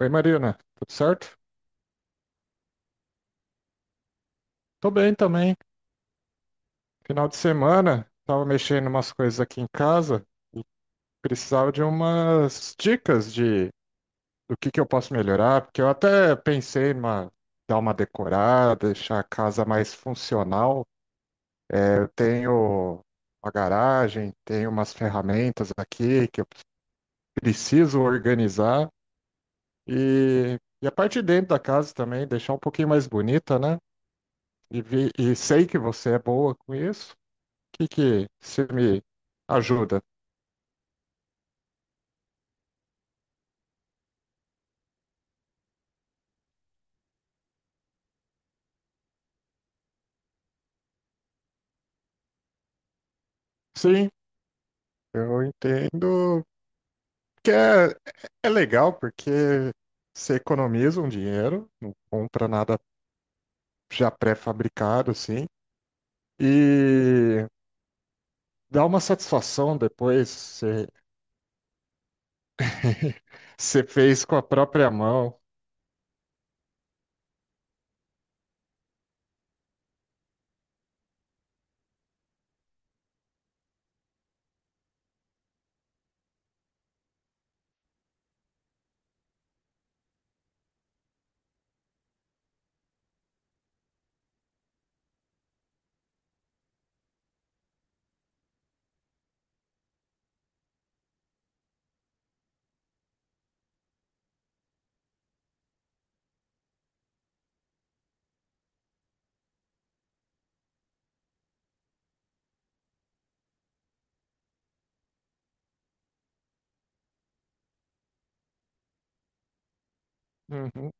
Oi, Marina, tudo certo? Tô bem também. Final de semana, tava mexendo umas coisas aqui em casa e precisava de umas dicas de do que eu posso melhorar, porque eu até pensei em uma- dar uma decorada, deixar a casa mais funcional. É, eu tenho uma garagem, tenho umas ferramentas aqui que eu preciso organizar e a parte de dentro da casa também, deixar um pouquinho mais bonita, né? E, vi- e sei que você é boa com isso. Que você me ajuda? Sim, eu entendo que é, é legal porque você economiza um dinheiro, não compra nada já pré-fabricado, assim, e dá uma satisfação depois, você, você fez com a própria mão. Uhum.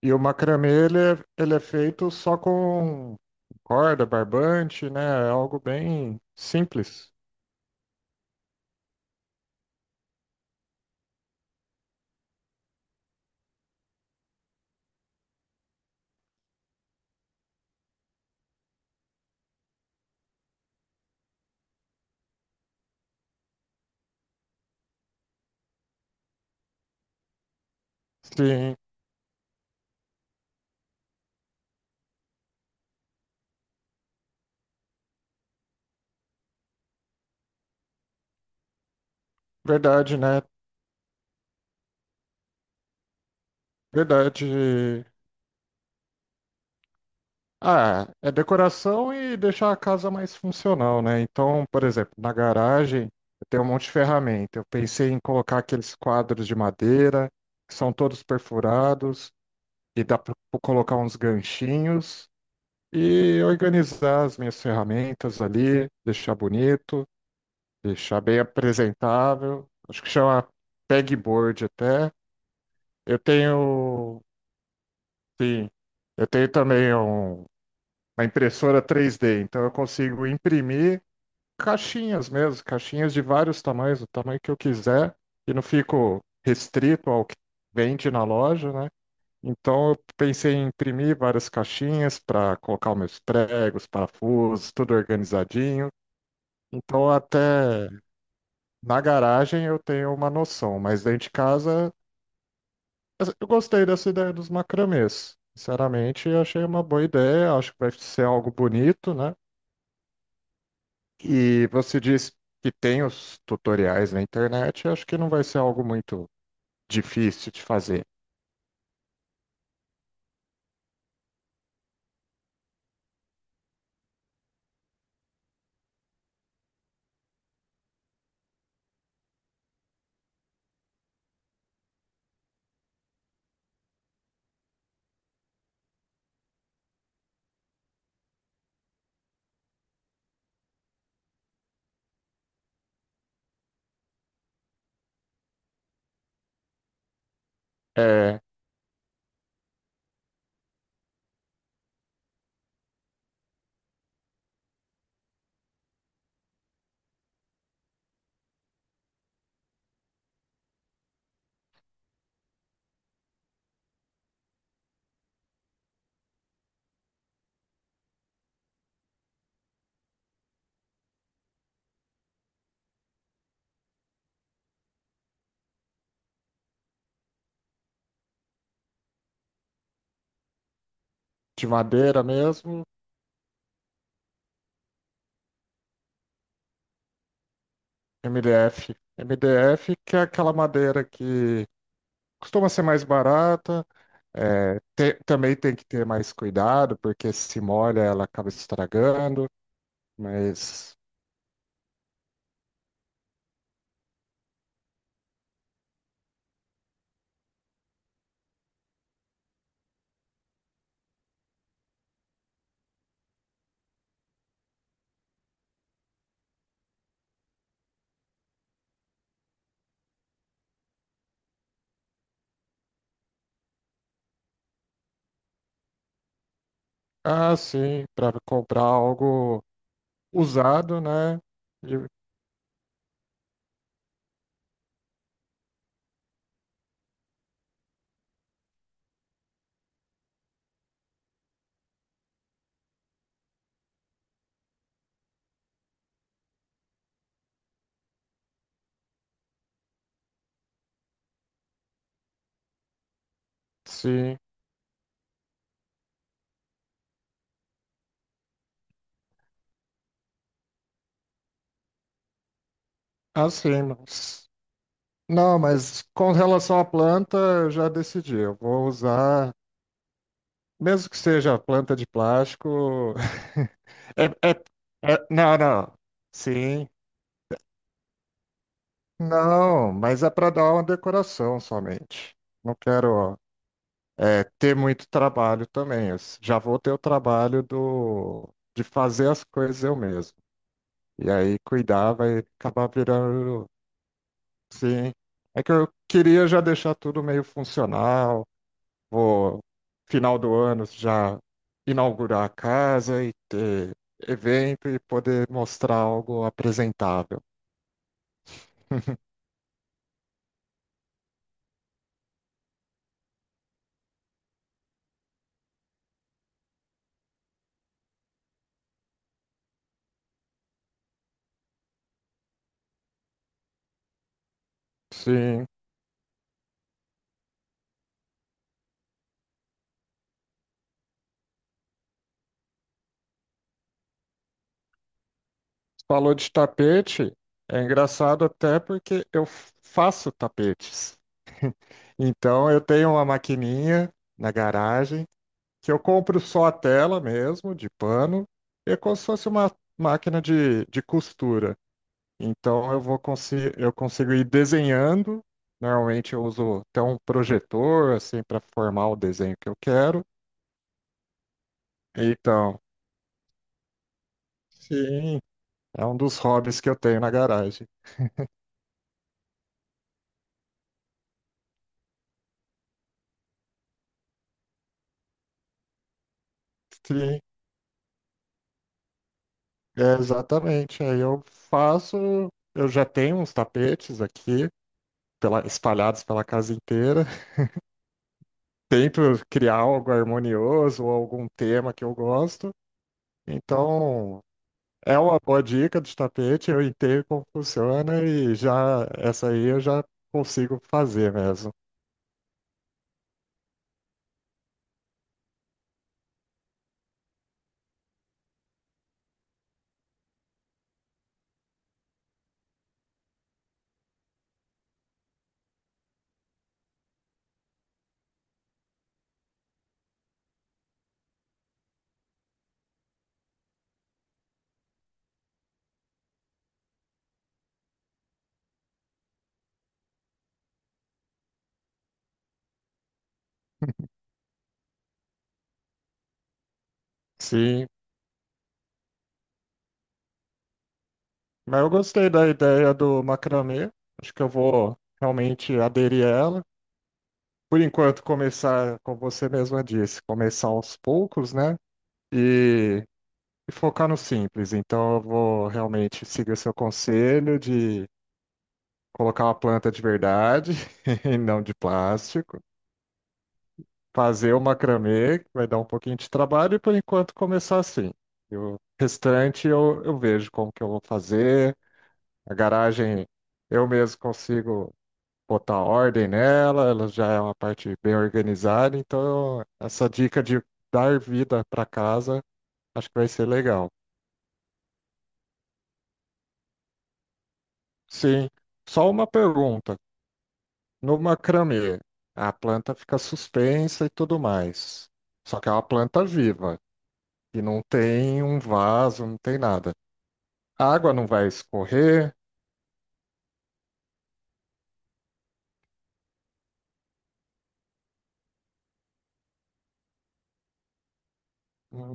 E o macramê, ele é feito só com corda, barbante, né? É algo bem simples. Sim, verdade, né? Verdade. Ah, é é decoração e deixar a casa mais funcional, né? Então, por exemplo, na garagem eu tenho um monte de ferramenta. Eu pensei em colocar aqueles quadros de madeira, que são todos perfurados, e dá para colocar uns ganchinhos e organizar as minhas ferramentas ali, deixar bonito, deixar bem apresentável. Acho que chama pegboard até. Eu tenho, sim, eu tenho também uma impressora 3D. Então eu consigo imprimir caixinhas mesmo, caixinhas de vários tamanhos, o tamanho que eu quiser, e não fico restrito ao que vende na loja, né? Então eu pensei em imprimir várias caixinhas para colocar os meus pregos, parafusos, tudo organizadinho. Então até na garagem eu tenho uma noção, mas dentro de casa eu gostei dessa ideia dos macramês. Sinceramente, eu achei uma boa ideia, acho que vai ser algo bonito, né? E você disse que tem os tutoriais na internet, eu acho que não vai ser algo muito difícil de fazer. É de madeira mesmo, MDF. MDF, que é aquela madeira que costuma ser mais barata, é, te- também tem que ter mais cuidado, porque se molha ela acaba estragando, mas, ah, sim, para comprar algo usado, né? De- Sim, ah, sim, mas. Não, mas com relação à planta, eu já decidi. Eu vou usar, mesmo que seja planta de plástico. É, é- é- não, não. Sim. Não, mas é para dar uma decoração somente. Não quero, é, ter muito trabalho também. Eu s- já vou ter o trabalho do, de fazer as coisas eu mesmo. E aí cuidar vai acabar virando. Sim. É que eu queria já deixar tudo meio funcional. Vou, final do ano, já inaugurar a casa e ter evento e poder mostrar algo apresentável. Sim, falou de tapete, é engraçado até porque eu faço tapetes. Então eu tenho uma maquininha na garagem que eu compro só a tela mesmo, de pano, e é como se fosse uma máquina de costura. Então eu vou conseguir, eu consigo ir desenhando. Normalmente eu uso até um projetor assim para formar o desenho que eu quero. Então, sim, é um dos hobbies que eu tenho na garagem. Sim, é exatamente. Aí eu faço, eu já tenho uns tapetes aqui, pela- espalhados pela casa inteira. Tento criar algo harmonioso ou algum tema que eu gosto. Então, é uma boa dica de tapete, eu entendo como funciona e já essa aí eu já consigo fazer mesmo. Sim, mas eu gostei da ideia do macramê. Acho que eu vou realmente aderir a ela. Por enquanto, começar, como você mesma disse, começar aos poucos, né? E, e focar no simples. Então, eu vou realmente seguir o seu conselho de colocar uma planta de verdade e não de plástico. Fazer o macramê, que vai dar um pouquinho de trabalho, e por enquanto começar assim. E o restante eu vejo como que eu vou fazer. A garagem eu mesmo consigo botar ordem nela, ela já é uma parte bem organizada, então essa dica de dar vida para casa acho que vai ser legal. Sim, só uma pergunta. No macramê, a planta fica suspensa e tudo mais. Só que é uma planta viva. E não tem um vaso, não tem nada. A água não vai escorrer. Hum.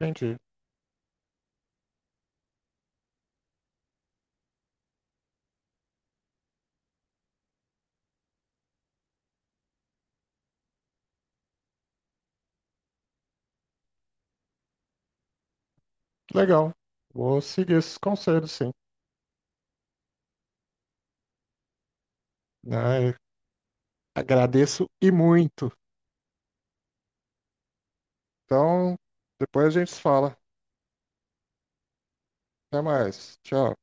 Entendi. Legal. Vou seguir esses conselhos, sim. Ai, agradeço e muito. Então, depois a gente se fala. Até mais. Tchau.